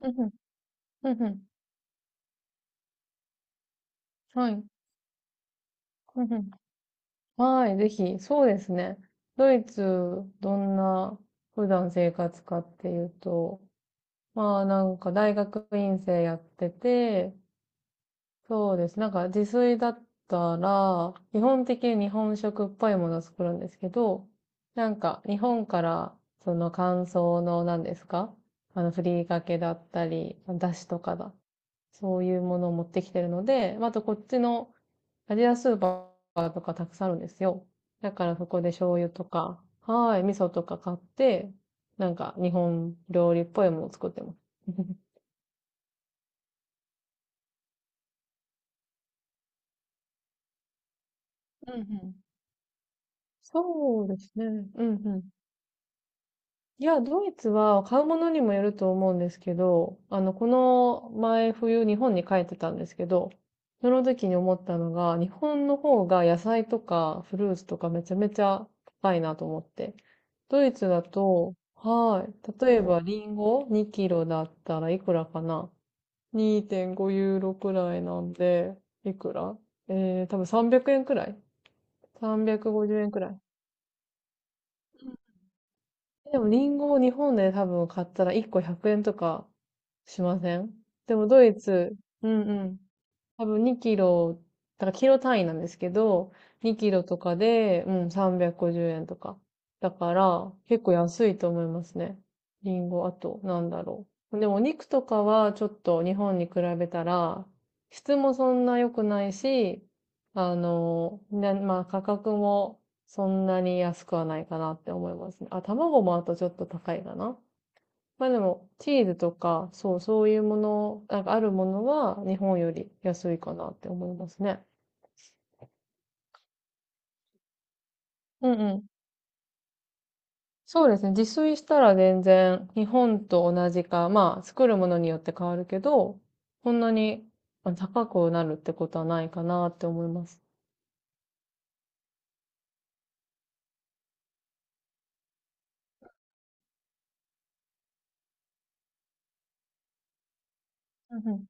うんうん、うんうん、はい、うんうん、はい、ぜひ、そうですね。ドイツ、どんな普段生活かっていうと、まあなんか大学院生やってて、そうです。なんか自炊だったら、基本的に日本食っぽいものを作るんですけど、なんか日本からその乾燥の何ですか？あの、ふりかけだったり、だしとか、そういうものを持ってきてるので、まああとこっちのアジアスーパーとかたくさんあるんですよ。だからそこで醤油とか、はい、味噌とか買って、なんか日本料理っぽいものを作ってます。うんうん。そうですね。うんうん。いや、ドイツは買うものにもよると思うんですけど、あの、この前冬日本に帰ってたんですけど、その時に思ったのが、日本の方が野菜とかフルーツとかめちゃめちゃ高いなと思って。ドイツだと、はい。例えばリンゴ2キロだったらいくらかな？ 2.5 ユーロくらいなんで、いくらえー、多分300円くえんくらい、 350 円くらい。でもリンゴを日本で多分買ったら1個100円とかしません。でもドイツ、うんうん、多分2キロ、だからキロ単位なんですけど、2キロとかで、うん、350円とか。だから、結構安いと思いますね。リンゴ、あと、なんだろう。でもお肉とかはちょっと日本に比べたら、質もそんな良くないし、まあ価格もそんなに安くはないかなって思いますね。あ、卵もあとちょっと高いかな。まあでも、チーズとか、そう、そういうもの、なんかあるものは日本より安いかなって思いますね。うんうん。そうですね。自炊したら全然日本と同じか、まあ作るものによって変わるけど、こんなに高くなるってことはないかなって思います。うんうん。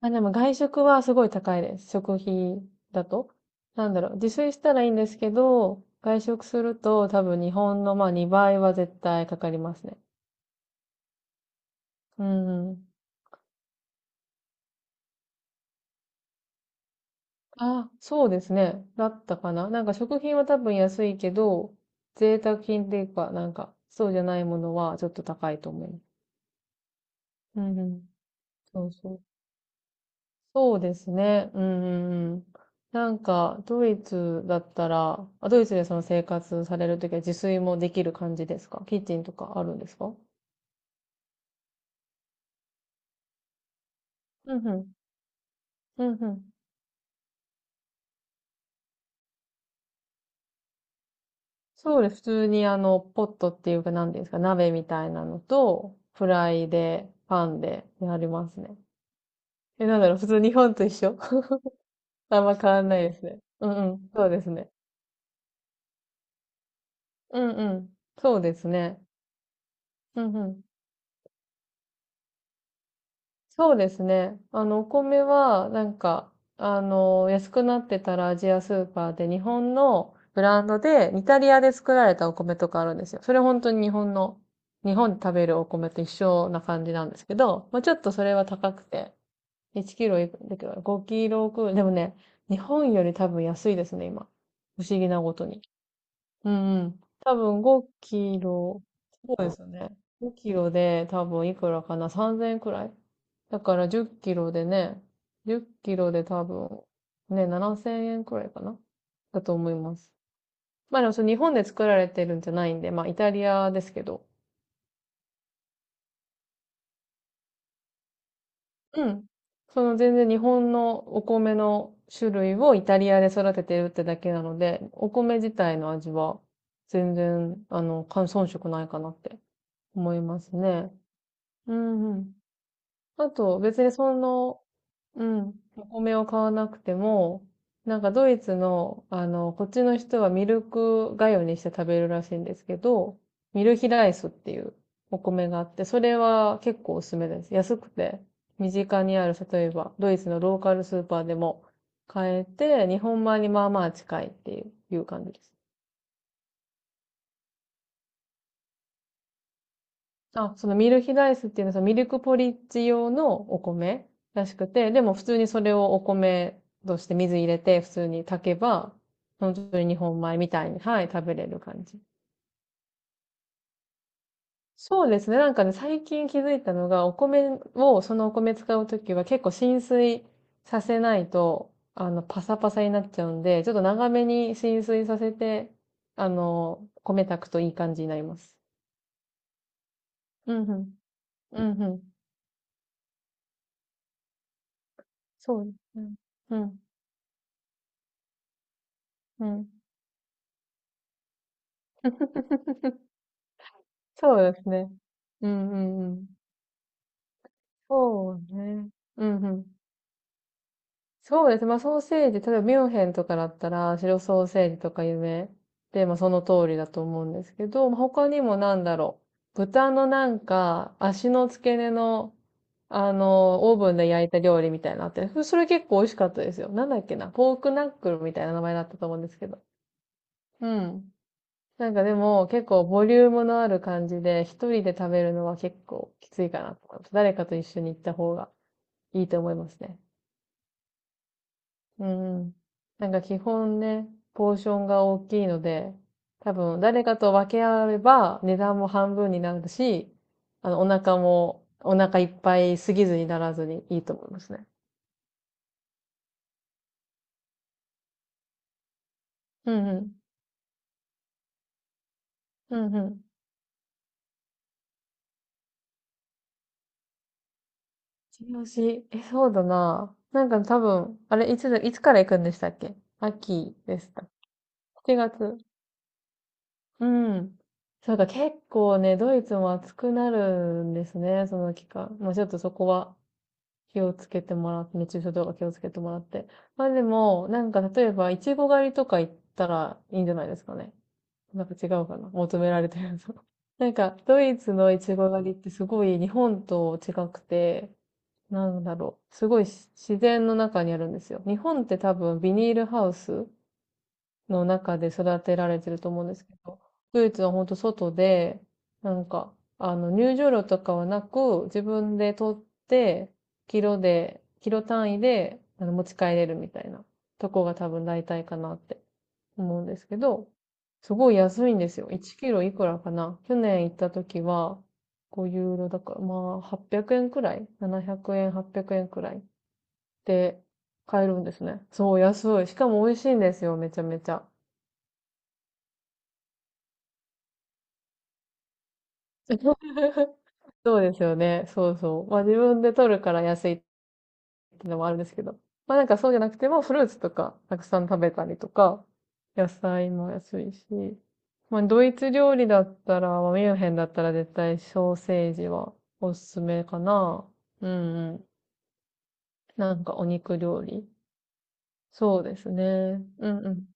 あ、でも外食はすごい高いです。食費だと。なんだろう、自炊したらいいんですけど、外食すると多分日本のまあ2倍は絶対かかりますね。うんうん。あ、そうですね。だったかな。なんか食品は多分安いけど、贅沢品っていうか、なんか、そうじゃないものはちょっと高いと思います。うんうん。そうそう。そうですね。うんうんうん。なんか、ドイツだったら、あ、ドイツでその生活されるときは自炊もできる感じですか？キッチンとかあるんですか？うんうん。うんうん。そうです。普通にあの、ポットっていうか何ですか、鍋みたいなのと、フライで、パンでやりますね。え、なんだろう、普通日本と一緒。 あんま変わんないですね。うんうん、そうですね。うんうん、そうですね。うんうん。そうですね。あの、お米は、なんか、あの、安くなってたらアジアスーパーで日本のブランドで、イタリアで作られたお米とかあるんですよ。それ本当に日本で食べるお米と一緒な感じなんですけど、まあ、ちょっとそれは高くて、1キロいくんだけど5キロくらい、でもね、日本より多分安いですね、今。不思議なことに。うんうん。多分5キロ、そうですよね。5キロで多分いくらかな？ 3000 円くらいだから10キロでね、1キロで多分ね、7000円くらいかなだと思います。まあでもそれ日本で作られてるんじゃないんで、まあイタリアですけど。うん。その全然日本のお米の種類をイタリアで育ててるってだけなので、お米自体の味は全然、あの、遜色ないかなって思いますね。うんうん。あと、別にその、うん、お米を買わなくても、なんかドイツの、あの、こっちの人はミルクがゆにして食べるらしいんですけど、ミルヒライスっていうお米があって、それは結構おすすめです。安くて、身近にある、例えば、ドイツのローカルスーパーでも買えて、日本米にまあまあ近いっていう感じです。あ、そのミルヒダイスっていうのは、そのミルクポリッジ用のお米らしくて、でも普通にそれをお米として水入れて普通に炊けば、本当に日本米みたいに、はい、食べれる感じ。そうですね。なんかね、最近気づいたのが、お米を、そのお米使うときは結構浸水させないと、あの、パサパサになっちゃうんで、ちょっと長めに浸水させて、あの、米炊くといい感じになります。うんうん。うんうん。そうですね。うん。うん。そうですね。うんうんうん。そうね。うんうん。そうですね。まあソーセージ、例えばミュンヘンとかだったら、白ソーセージとか有名で、まあその通りだと思うんですけど、まあ他にもなんだろう。豚のなんか、足の付け根の、あの、オーブンで焼いた料理みたいなのあって、それ結構美味しかったですよ。なんだっけな。ポークナックルみたいな名前だったと思うんですけど。うん。なんかでも結構ボリュームのある感じで一人で食べるのは結構きついかなと思います。誰かと一緒に行った方がいいと思いますね。うん。なんか基本ね、ポーションが大きいので、多分誰かと分け合えば値段も半分になるし、あのお腹もお腹いっぱいすぎずにならずにいいと思いますね。うんうん。うんうん。チしえ、そうだな。なんか多分、あれ、いつから行くんでしたっけ？秋でした？7月。うん。そうか、結構ね、ドイツも暑くなるんですね、その期間。まあちょっとそこは気をつけてもらって、熱中症とか気をつけてもらって。まあでも、なんか例えば、いちご狩りとか行ったらいいんじゃないですかね。なんか違うかな、求められてるの。なんか、ドイツのいちご狩りってすごい日本と違くて、なんだろう、すごいし自然の中にあるんですよ。日本って多分ビニールハウスの中で育てられてると思うんですけど、ドイツは本当外で、なんか、あの、入場料とかはなく、自分で取って、キロ単位で、あの、持ち帰れるみたいなとこが多分大体かなって思うんですけど、すごい安いんですよ。1キロいくらかな。去年行った時は、5ユーロだから、まあ、800円くえんくらい、 700 円、800円くえんくらいで買えるんですね。そう、安い。しかも美味しいんですよ、めちゃめちゃ。そうですよね。そうそう。まあ自分で取るから安いっていうのもあるんですけど。まあなんかそうじゃなくてもフルーツとかたくさん食べたりとか、野菜も安いし。まあドイツ料理だったら、まあミュンヘンだったら絶対ソーセージはおすすめかな。うんうん。なんかお肉料理。そうですね。うんうん。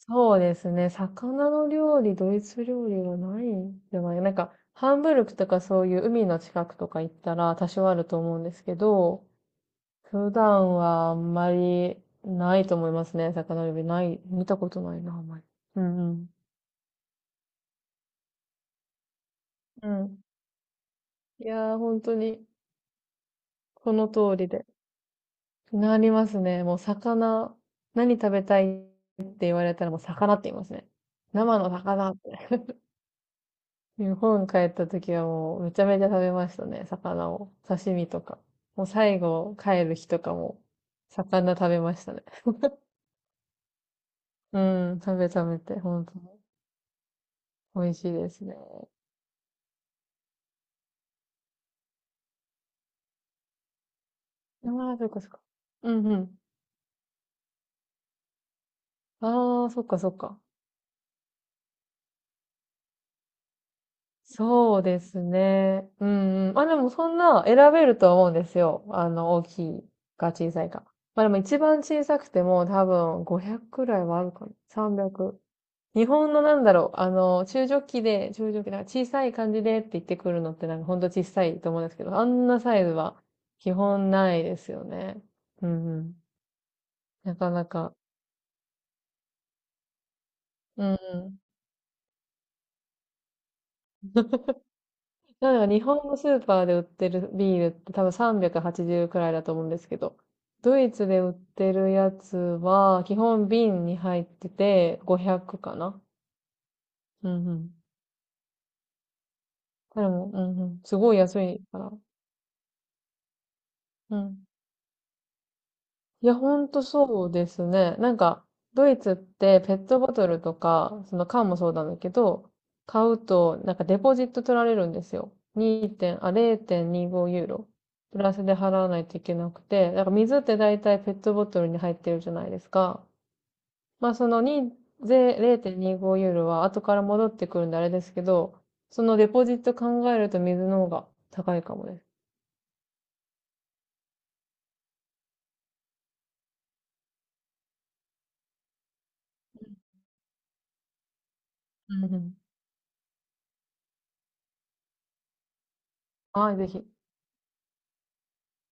そうですね。魚の料理、ドイツ料理はないんじゃない、なんか、ハンブルクとかそういう海の近くとか行ったら多少あると思うんですけど、普段はあんまりないと思いますね。魚料理ない、見たことないな、あんまり。うんうん。うん。いやー、本当に、この通りで。なりますね。もう魚、何食べたいって言われたらもう魚って言いますね。生の魚って。日本帰った時はもうめちゃめちゃ食べましたね、魚を。刺身とか。もう最後帰る日とかも、魚食べましたね。うん、食べて、本当に。美味しいですね。ああ、そっかそっか。うんうん。ああ、そっかそっか。そうですね。うんうん。まあでもそんな選べるとは思うんですよ。あの、大きいか小さいか。まあでも一番小さくても多分500くらいはあるかな。300。日本のなんだろう、あの、中ジョッキで、中ジョッキ、なんか小さい感じでって言ってくるのってなんかほんと小さいと思うんですけど、あんなサイズは基本ないですよね。うんうん。なかなか。うんうん。なんか日本のスーパーで売ってるビールって多分380くはちじゅうくらいだと思うんですけど、ドイツで売ってるやつは基本瓶に入ってて500かな。うんうん。でも、うんうん。すごい安いから。うん。いや、ほんとそうですね。なんか、ドイツってペットボトルとか、その缶もそうなんだけど、買うと、なんかデポジット取られるんですよ。2点、0.25ユーロ。プラスで払わないといけなくて、なんか水って大体ペットボトルに入ってるじゃないですか。まあその2、0.25ユーロは後から戻ってくるんであれですけど、そのデポジット考えると水の方が高いかもです。うんうん。はい、ぜひ。